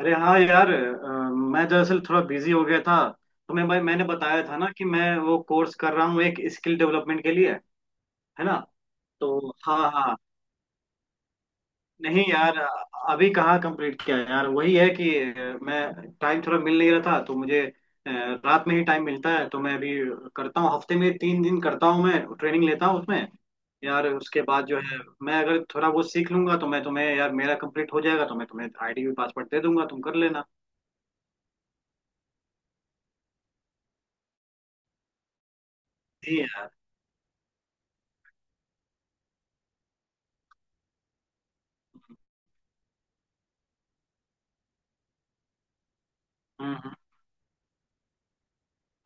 अरे हाँ यार मैं दरअसल थोड़ा बिजी हो गया था। तो मैं भाई मैंने बताया था ना कि मैं वो कोर्स कर रहा हूँ एक स्किल डेवलपमेंट के लिए। है ना। तो हाँ हाँ। नहीं यार अभी कहाँ कंप्लीट किया यार। वही है कि मैं टाइम थोड़ा मिल नहीं रहा था तो मुझे अ, रात में ही टाइम मिलता है। तो मैं अभी करता हूँ। हफ्ते में 3 दिन करता हूँ मैं ट्रेनिंग लेता हूँ उसमें। यार उसके बाद जो है मैं अगर थोड़ा बहुत सीख लूंगा तो मैं तुम्हें यार मेरा कंप्लीट हो जाएगा तो मैं तुम्हें आईडी भी पासवर्ड दे दूंगा तुम कर लेना। जी यार। हम्म,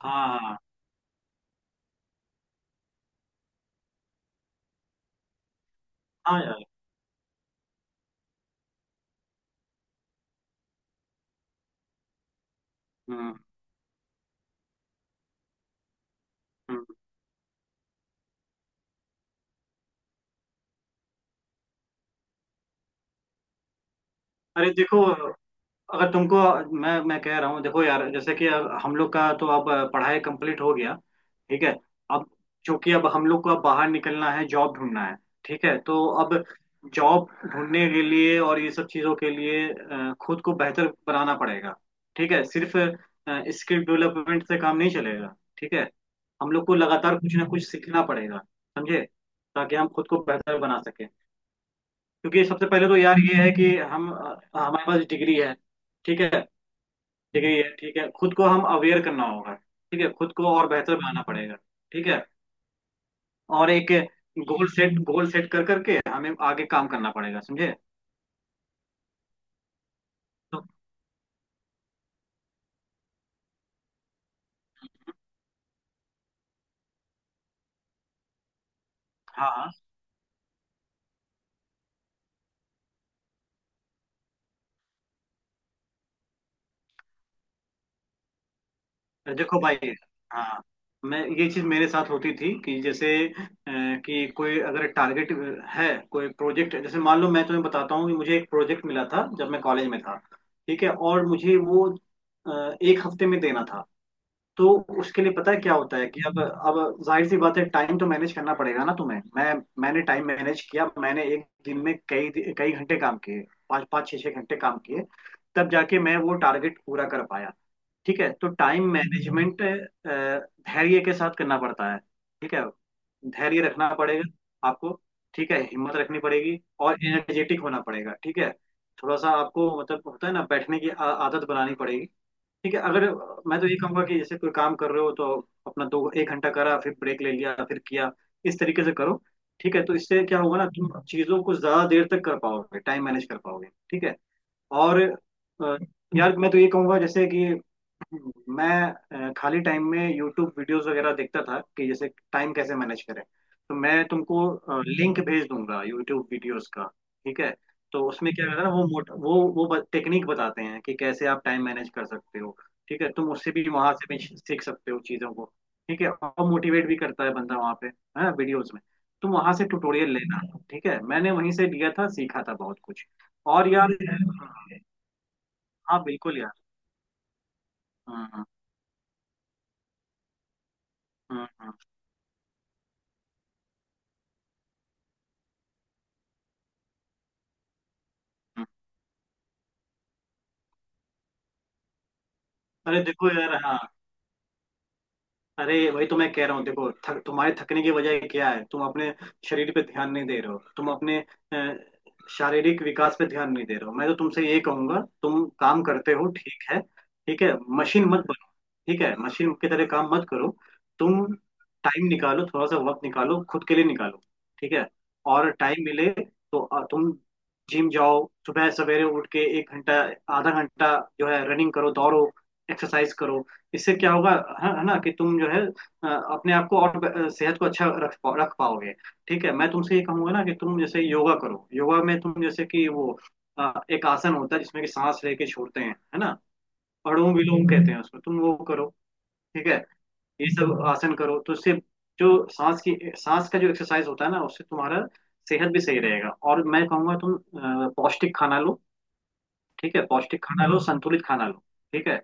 हाँ, हाँ। हाँ यार। हम्म, हम्म। अरे देखो अगर तुमको मैं कह रहा हूँ। देखो यार जैसे कि अब हम लोग का तो अब पढ़ाई कंप्लीट हो गया। ठीक है अब चूंकि अब हम लोग को अब बाहर निकलना है जॉब ढूंढना है। ठीक है तो अब जॉब ढूंढने के लिए और ये सब चीज़ों के लिए खुद को बेहतर बनाना पड़ेगा। ठीक है सिर्फ स्किल डेवलपमेंट से काम नहीं चलेगा। ठीक है हम लोग को लगातार कुछ ना कुछ सीखना पड़ेगा समझे। ताकि हम खुद को बेहतर बना सके। क्योंकि सबसे पहले तो यार ये है कि हम हमारे पास डिग्री है। ठीक है डिग्री है। ठीक है खुद को हम अवेयर करना होगा। ठीक है खुद को और बेहतर बनाना पड़ेगा। ठीक है और एक गोल सेट कर करके हमें आगे काम करना पड़ेगा समझे। तो हाँ, हाँ। देखो भाई। हाँ मैं ये चीज मेरे साथ होती थी कि जैसे कि कोई अगर टारगेट है कोई प्रोजेक्ट। जैसे मान लो मैं तुम्हें बताता हूँ कि मुझे एक प्रोजेक्ट मिला था जब मैं कॉलेज में था। ठीक है और मुझे वो एक हफ्ते में देना था। तो उसके लिए पता है क्या होता है कि अब जाहिर सी बात है टाइम तो मैनेज करना पड़ेगा ना तुम्हें। मैंने टाइम मैनेज किया। मैंने एक दिन में कई कई घंटे काम किए। पाँच पाँच छः छः घंटे काम किए तब जाके मैं वो टारगेट पूरा कर पाया। ठीक है तो टाइम मैनेजमेंट धैर्य के साथ करना पड़ता है। ठीक है धैर्य रखना पड़ेगा आपको। ठीक है हिम्मत रखनी पड़ेगी और एनर्जेटिक होना पड़ेगा। ठीक है थोड़ा सा आपको मतलब होता है ना बैठने की आदत बनानी पड़ेगी। ठीक है अगर मैं तो ये कहूंगा कि जैसे कोई काम कर रहे हो तो अपना दो एक घंटा करा फिर ब्रेक ले लिया फिर किया। इस तरीके से करो। ठीक है तो इससे क्या होगा ना तुम चीजों को ज्यादा देर तक कर पाओगे टाइम मैनेज कर पाओगे। ठीक है और यार मैं तो ये कहूंगा जैसे कि मैं खाली टाइम में यूट्यूब वीडियोस वगैरह देखता था कि जैसे टाइम कैसे मैनेज करें। तो मैं तुमको लिंक भेज दूंगा यूट्यूब वीडियोस का। ठीक है तो उसमें क्या रहता है ना वो मोट वो टेक्निक बताते हैं कि कैसे आप टाइम मैनेज कर सकते हो। ठीक है तुम उससे भी वहां से भी सीख सकते हो चीज़ों को। ठीक है और मोटिवेट भी करता है बंदा वहाँ पे है ना वीडियोज में। तुम वहां से ट्यूटोरियल लेना। ठीक है मैंने वहीं से लिया था सीखा था बहुत कुछ। और यार। हाँ बिल्कुल यार। हम्म, हम्म, हम्म, अरे देखो यार। हाँ अरे वही तो मैं कह रहा हूँ। देखो तुम्हारे थकने की वजह क्या है। तुम अपने शरीर पे ध्यान नहीं दे रहे हो। तुम अपने अ, शारीरिक विकास पे ध्यान नहीं दे रहे हो। मैं तो तुमसे ये कहूंगा तुम काम करते हो। ठीक है। ठीक है मशीन मत मशीन की तरह काम मत करो। तुम टाइम निकालो थोड़ा सा वक्त निकालो खुद के लिए निकालो। ठीक है और टाइम मिले तो तुम जिम जाओ। सुबह सवेरे उठ के एक घंटा आधा घंटा जो है रनिंग करो दौड़ो एक्सरसाइज करो। इससे क्या होगा है ना कि तुम जो है अ, अपने आप को और सेहत को अच्छा रख पाओगे। ठीक है मैं तुमसे ये कहूंगा ना कि तुम जैसे योगा करो। योगा में तुम जैसे कि वो एक आसन होता है जिसमें कि सांस लेके छोड़ते हैं है ना। अनुलोम विलोम कहते हैं उसको तुम वो करो। ठीक है ये सब आसन करो तो उससे जो सांस का जो एक्सरसाइज होता है ना उससे तुम्हारा सेहत भी सही रहेगा। और मैं कहूँगा तुम पौष्टिक खाना लो। ठीक है पौष्टिक खाना लो संतुलित खाना लो। ठीक है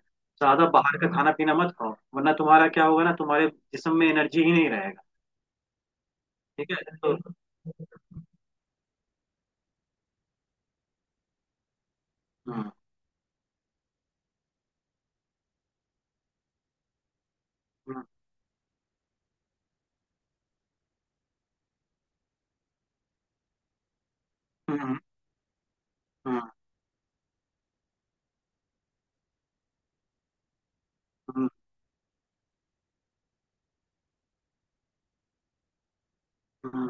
ज्यादा बाहर का खाना पीना मत खाओ वरना तुम्हारा क्या होगा ना तुम्हारे जिस्म में एनर्जी ही नहीं रहेगा। ठीक है। तो हम्म, हम्म, हम्म, हम्म, हम्म, हम्म।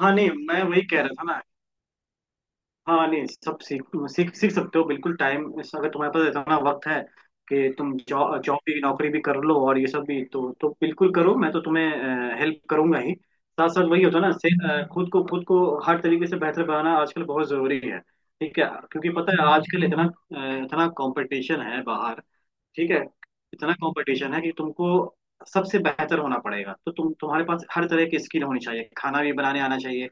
हाँ नहीं मैं वही कह रहा था ना। हाँ नहीं सब सीख सीख सीख सकते हो बिल्कुल। टाइम अगर तुम्हारे पास इतना वक्त है कि तुम जॉब जॉब भी नौकरी भी कर लो और ये सब भी तो बिल्कुल करो। मैं तो तुम्हें हेल्प करूंगा ही। साथ साथ वही होता है ना खुद को हर तरीके से बेहतर बनाना आजकल बहुत जरूरी है। ठीक है क्योंकि पता है आजकल इतना कंपटीशन है बाहर। ठीक है इतना कंपटीशन है कि तुमको सबसे बेहतर होना पड़ेगा। तो तुम्हारे पास हर तरह की स्किल होनी चाहिए खाना भी बनाने आना चाहिए।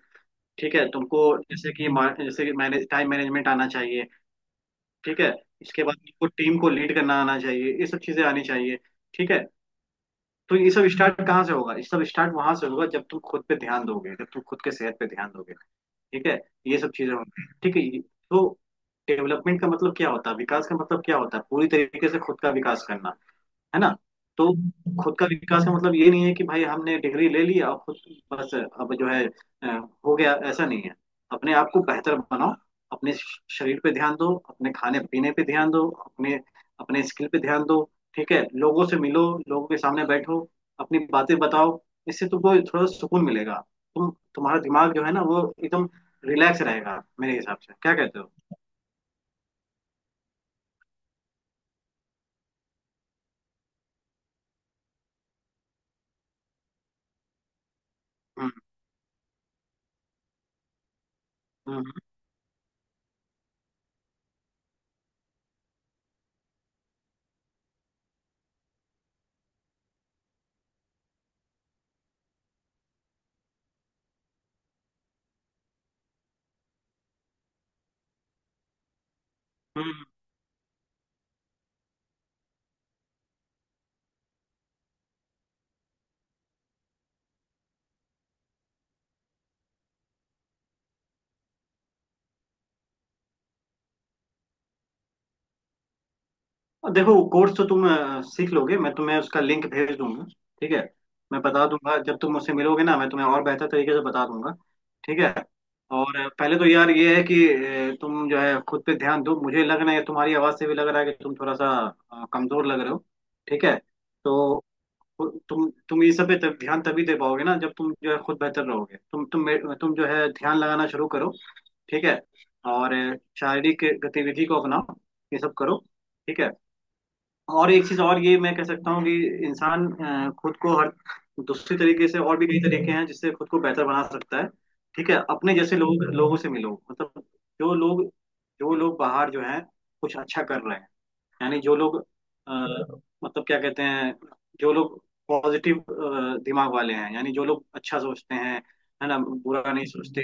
ठीक है तुमको जैसे कि मा- जैसे कि मैनेज टाइम मैनेजमेंट आना चाहिए। ठीक है इसके बाद तुमको टीम को लीड करना आना चाहिए ये सब चीजें आनी चाहिए। ठीक है तो ये सब स्टार्ट कहाँ से होगा ये सब स्टार्ट वहां से होगा जब तुम खुद पे ध्यान दोगे जब तुम खुद के सेहत पे ध्यान दोगे। ठीक है ये सब चीजें होंगी। ठीक है तो डेवलपमेंट का मतलब क्या होता है विकास का मतलब क्या होता है पूरी तरीके से खुद का विकास करना। है ना। तो खुद का विकास का मतलब ये नहीं है कि भाई हमने डिग्री ले ली और खुद बस अब जो है अ, हो गया ऐसा नहीं है। अपने आप को बेहतर बनाओ। अपने शरीर पे ध्यान दो। अपने खाने पीने पे ध्यान दो। अपने अपने स्किल पे ध्यान दो। ठीक है लोगों से मिलो लोगों के सामने बैठो अपनी बातें बताओ। इससे तुमको थोड़ा सुकून मिलेगा। तुम तुम्हारा दिमाग जो है ना वो एकदम रिलैक्स रहेगा मेरे हिसाब से क्या कहते हो। हम्म, हम्म, हम्म। और देखो कोर्स तो तुम सीख लोगे मैं तुम्हें उसका लिंक भेज दूंगा। ठीक है मैं बता दूंगा जब तुम मुझसे मिलोगे ना मैं तुम्हें और बेहतर तरीके से बता दूंगा। ठीक है और पहले तो यार ये है कि तुम जो है खुद पे ध्यान दो। मुझे लग रहा है तुम्हारी आवाज़ से भी लग रहा है कि तुम थोड़ा सा कमजोर लग रहे हो। ठीक है तो तुम ये सब पे तब ध्यान तभी दे पाओगे ना जब तुम जो है खुद बेहतर रहोगे। तुम जो है ध्यान लगाना शुरू करो। ठीक है और शारीरिक गतिविधि को अपनाओ ये सब करो। ठीक है और एक चीज और ये मैं कह सकता हूँ कि इंसान खुद को हर दूसरे तरीके से और भी कई तरीके हैं जिससे खुद को बेहतर बना सकता है। ठीक है अपने जैसे लोगों से मिलो मतलब जो लोग जो लोग बाहर जो हैं कुछ अच्छा कर रहे हैं। यानी जो लोग अ, मतलब क्या कहते हैं जो लोग पॉजिटिव दिमाग वाले हैं यानी जो लोग अच्छा सोचते हैं है ना बुरा नहीं सोचते।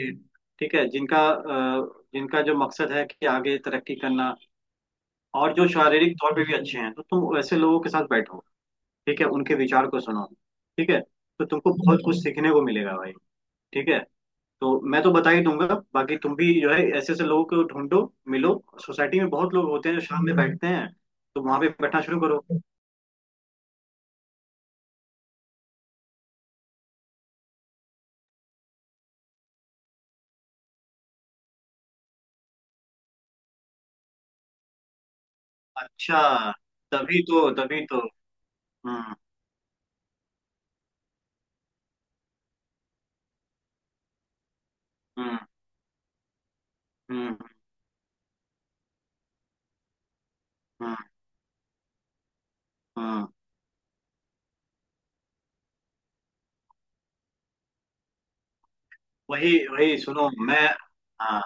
ठीक है जिनका जो मकसद है कि आगे तरक्की करना। और जो शारीरिक तौर पे भी अच्छे हैं तो तुम वैसे लोगों के साथ बैठो। ठीक है उनके विचार को सुनो। ठीक है तो तुमको बहुत कुछ सीखने को मिलेगा भाई। ठीक है तो मैं तो बता ही दूंगा। बाकी तुम भी जो है ऐसे ऐसे लोगों को ढूंढो मिलो। सोसाइटी में बहुत लोग होते हैं जो शाम में बैठते हैं तो वहां पे बैठना शुरू करो। अच्छा तभी तो, तभी तो। हम्म, हम्म, हम्म, हम्म, हम्म। वही वही सुनो मैं। हाँ,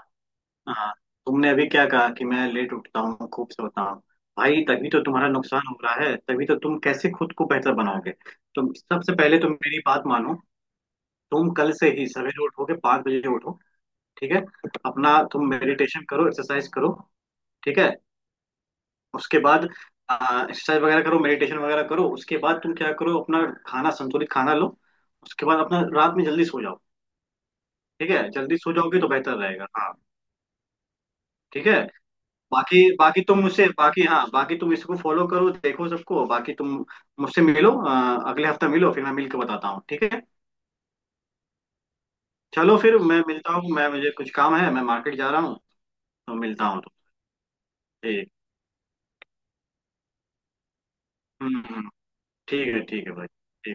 हाँ। तुमने अभी क्या कहा कि मैं लेट उठता हूँ खूब सोता हूँ। भाई तभी तो तुम्हारा नुकसान हो रहा है तभी तो तुम कैसे खुद को बेहतर बनाओगे। तुम सबसे पहले तुम मेरी बात मानो। तुम कल से ही सवेरे उठोगे 5 बजे उठो। ठीक है अपना तुम मेडिटेशन करो एक्सरसाइज करो। ठीक है उसके बाद एक्सरसाइज वगैरह करो मेडिटेशन वगैरह करो उसके बाद तुम क्या करो अपना खाना संतुलित खाना लो। उसके बाद अपना रात में जल्दी सो जाओ। ठीक है जल्दी सो जाओगे तो बेहतर रहेगा। हाँ ठीक है बाकी बाकी तुम मुझसे बाकी हाँ बाकी तुम इसको फॉलो करो देखो सबको बाकी तुम मुझसे मिलो अगले हफ्ता मिलो फिर मैं मिल के बताता हूँ। ठीक है चलो फिर मैं मिलता हूँ। मैं मुझे कुछ काम है मैं मार्केट जा रहा हूँ तो मिलता हूँ तो। ठीक। हम्म, हम्म। ठीक है भाई। ठीक।